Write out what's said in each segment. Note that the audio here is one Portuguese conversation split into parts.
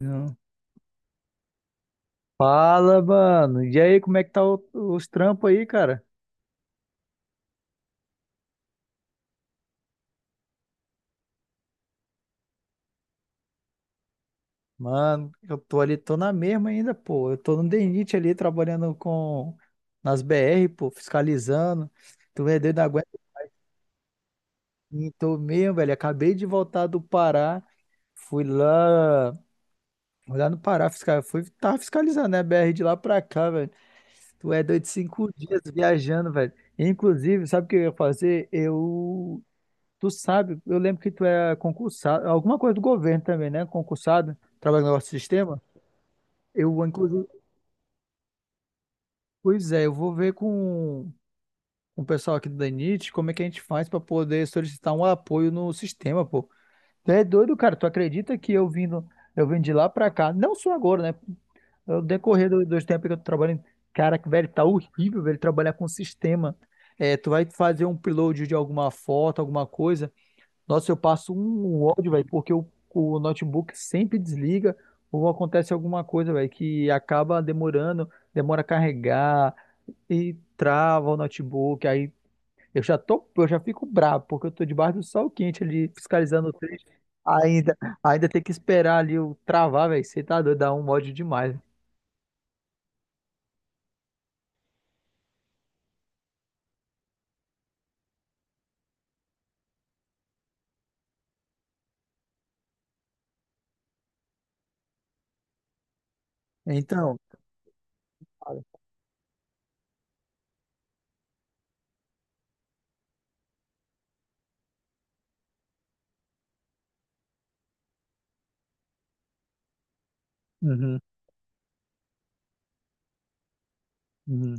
Não. Fala, mano. E aí, como é que tá os trampos aí, cara? Mano, eu tô ali, tô na mesma ainda, pô. Eu tô no DENIT ali, trabalhando com... nas BR, pô, fiscalizando. Tu é doido, não aguenta. E tô mesmo, velho. Acabei de voltar do Pará. Fui lá... Fui lá no Pará, Fui... Tava fiscalizando, né? BR de lá pra cá, velho. Tu é doido, cinco dias viajando, velho. Inclusive, sabe o que eu ia fazer? Eu... Tu sabe, eu lembro que tu é concursado, alguma coisa do governo também, né? Concursado, trabalha no nosso sistema. Eu, inclusive, pois é, eu vou ver com o pessoal aqui do DENIT como é que a gente faz para poder solicitar um apoio no sistema, pô. Tu é doido, cara. Tu acredita que eu vindo, eu vim de lá para cá, não só agora, né? No decorrer dos tempos que eu tô trabalhando, cara, que velho, tá horrível, velho, trabalhar com sistema. É, tu vai fazer um upload de alguma foto, alguma coisa. Nossa, eu passo um ódio, velho, porque o notebook sempre desliga ou acontece alguma coisa, velho, que acaba demorando, demora a carregar e trava o notebook. Aí eu já fico bravo, porque eu tô debaixo do sol quente ali, fiscalizando o trecho. Ainda, ainda tem que esperar ali o travar, velho. Você tá doido, dá um ódio demais. Então, uhum, uhum,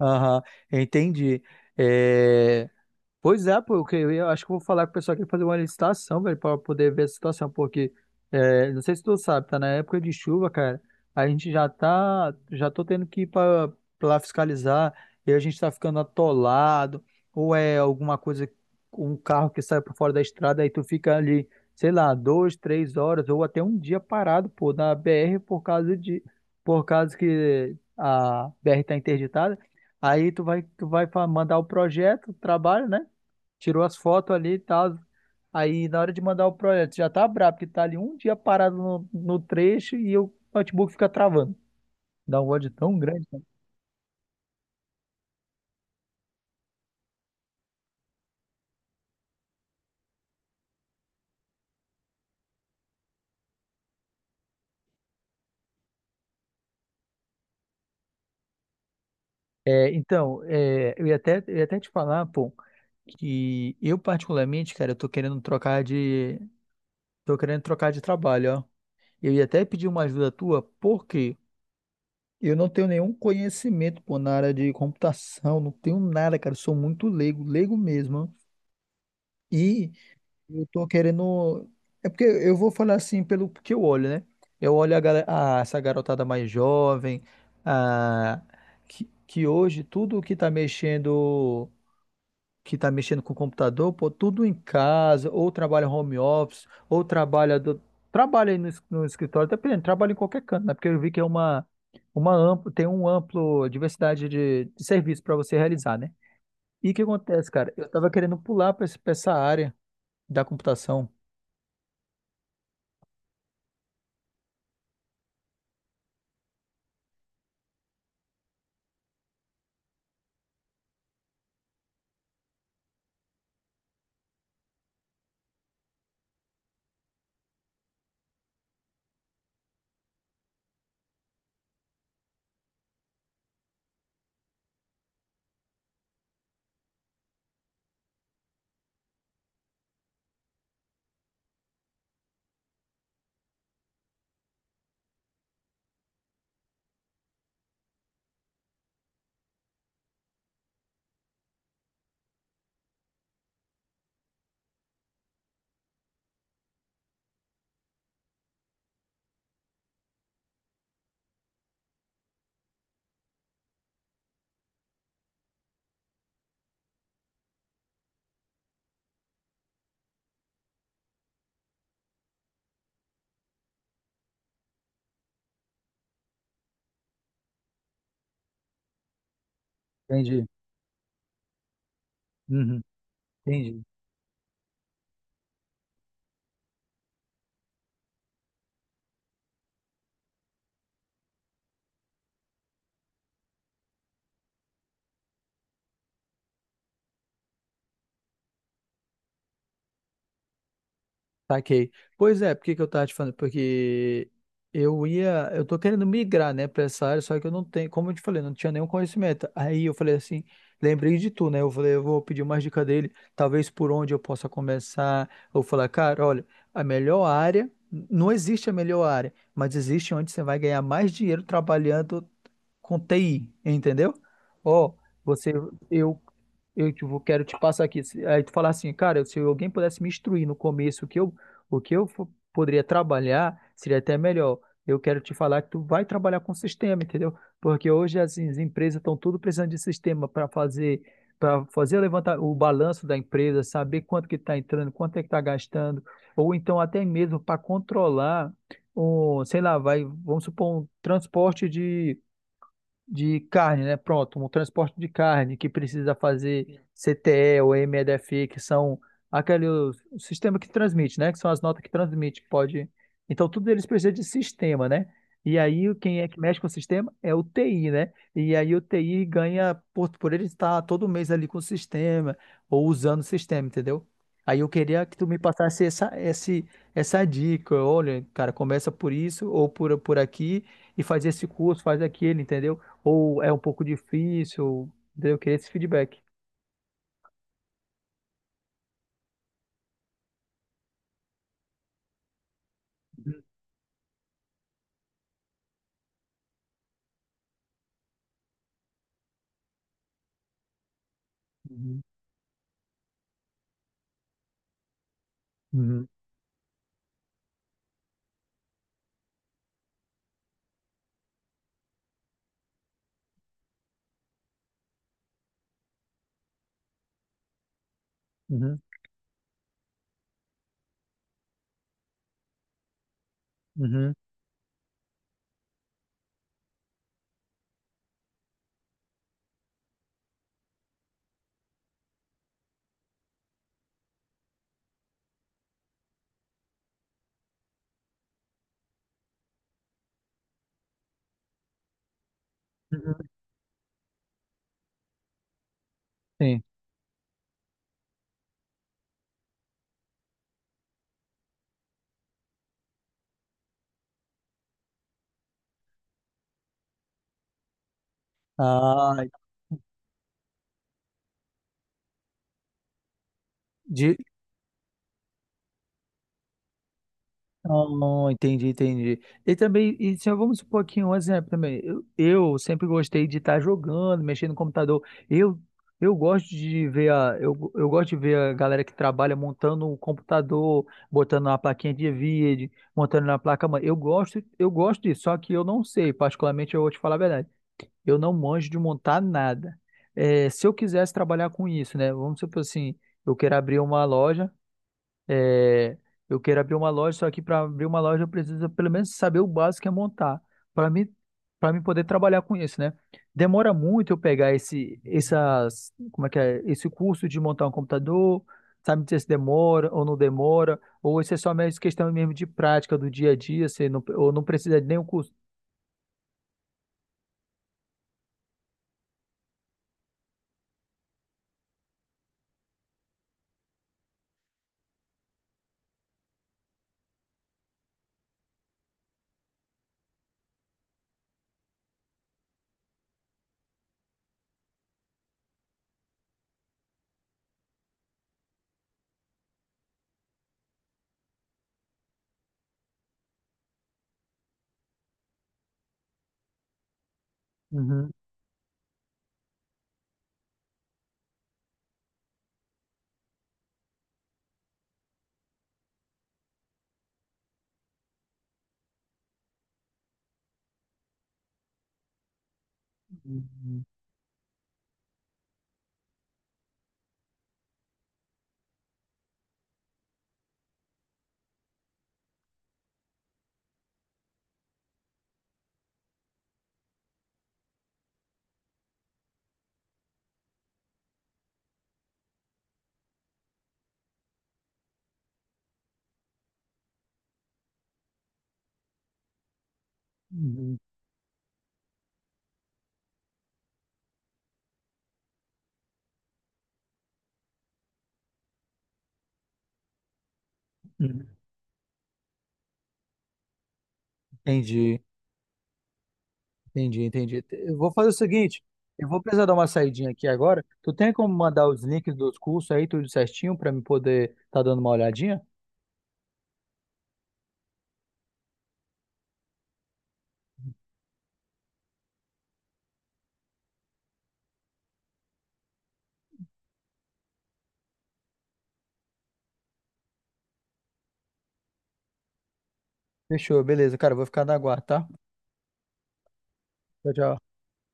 aham, entendi. É, pois é, pô, eu acho que eu vou falar com o pessoal aqui fazer uma licitação, velho, para poder ver a situação, porque é, não sei se tu sabe, tá na época de chuva, cara. A gente já tá, já tô tendo que ir para lá fiscalizar e a gente tá ficando atolado, ou é alguma coisa, um carro que sai por fora da estrada, aí tu fica ali, sei lá, duas, três horas ou até um dia parado, pô, na BR por causa de, por causa que a BR tá interditada. Aí tu vai, mandar o projeto, o trabalho, né? Tirou as fotos ali e tal. Aí na hora de mandar o projeto, já tá brabo, porque tá ali um dia parado no trecho e o notebook fica travando. Dá um ódio tão grande, cara. É, então, é, eu ia até te falar, pô, que eu particularmente, cara, eu tô querendo trocar de, tô querendo trocar de trabalho, ó. Eu ia até pedir uma ajuda tua, porque eu não tenho nenhum conhecimento, pô, na área de computação, não tenho nada, cara, eu sou muito leigo, leigo mesmo, ó. E eu tô querendo. É porque eu vou falar assim pelo que eu olho, né? Eu olho a, essa garotada mais jovem, a... que hoje tudo que tá mexendo com o computador, pô, tudo em casa, ou trabalha home office, ou trabalha do... trabalha aí no escritório, dependendo, trabalha em qualquer canto, né? Porque eu vi que é uma, tem um amplo diversidade de serviço para você realizar, né? E o que acontece, cara? Eu tava querendo pular para essa área da computação. Entendi. Uhum, entendi. Saquei. Pois é, por que que eu tava te falando? Porque eu tô querendo migrar, né, pra essa área, só que eu não tenho, como eu te falei, não tinha nenhum conhecimento. Aí eu falei assim, lembrei de tu, né? Eu falei, eu vou pedir uma dica dele, talvez por onde eu possa começar. Eu falar, cara, olha, a melhor área, não existe a melhor área, mas existe onde você vai ganhar mais dinheiro trabalhando com TI, entendeu? Ó, você, eu, quero te passar aqui. Se- aí tu falar assim, cara, se alguém pudesse me instruir no começo o que eu, poderia trabalhar, seria até melhor. Eu quero te falar que tu vai trabalhar com sistema, entendeu? Porque hoje as empresas estão tudo precisando de sistema para fazer levantar o balanço da empresa, saber quanto que está entrando, quanto é que está gastando, ou então até mesmo para controlar um, sei lá, vai, vamos supor, um transporte de carne, né? Pronto, um transporte de carne que precisa fazer CTE ou MEDFI, que são aquele o sistema que transmite, né? Que são as notas que transmite, que pode. Então, tudo eles precisa de sistema, né? E aí, quem é que mexe com o sistema é o TI, né? E aí, o TI ganha por ele estar todo mês ali com o sistema ou usando o sistema, entendeu? Aí eu queria que tu me passasse essa dica. Olha, cara, começa por isso ou por aqui e faz esse curso, faz aquele, entendeu? Ou é um pouco difícil? Daí eu queria esse feedback. Uhum, uhum, uhum, uhum, uhum, sim. Ah, de... ah, entendi, entendi. E também, e se eu- vamos supor aqui um exemplo também. Eu sempre gostei de estar jogando, mexendo no computador. Eu, eu gosto de ver a, eu gosto de ver a galera que trabalha montando o computador, botando na plaquinha de vídeo, montando na placa mãe. Eu gosto disso, só que eu não sei, particularmente eu vou te falar a verdade. Eu não manjo de montar nada. É, se eu quisesse trabalhar com isso, né? Vamos supor assim, eu quero abrir uma loja, é, eu quero abrir uma loja, só que para abrir uma loja eu preciso pelo menos saber o básico que é montar, para mim, para mim poder trabalhar com isso, né? Demora muito eu pegar como é que é, esse curso de montar um computador, sabe dizer se demora ou não demora, ou isso é só mais questão mesmo de prática do dia a dia, você não, ou não precisa de nenhum curso. Uhum, uhum, uhum, uhum. Entendi, entendi, entendi. Eu vou fazer o seguinte, eu vou precisar dar uma saidinha aqui agora. Tu tem como mandar os links dos cursos aí, tudo certinho, pra me poder tá dando uma olhadinha? Fechou, beleza, cara, eu vou ficar na guarda, tá? Tchau, tchau.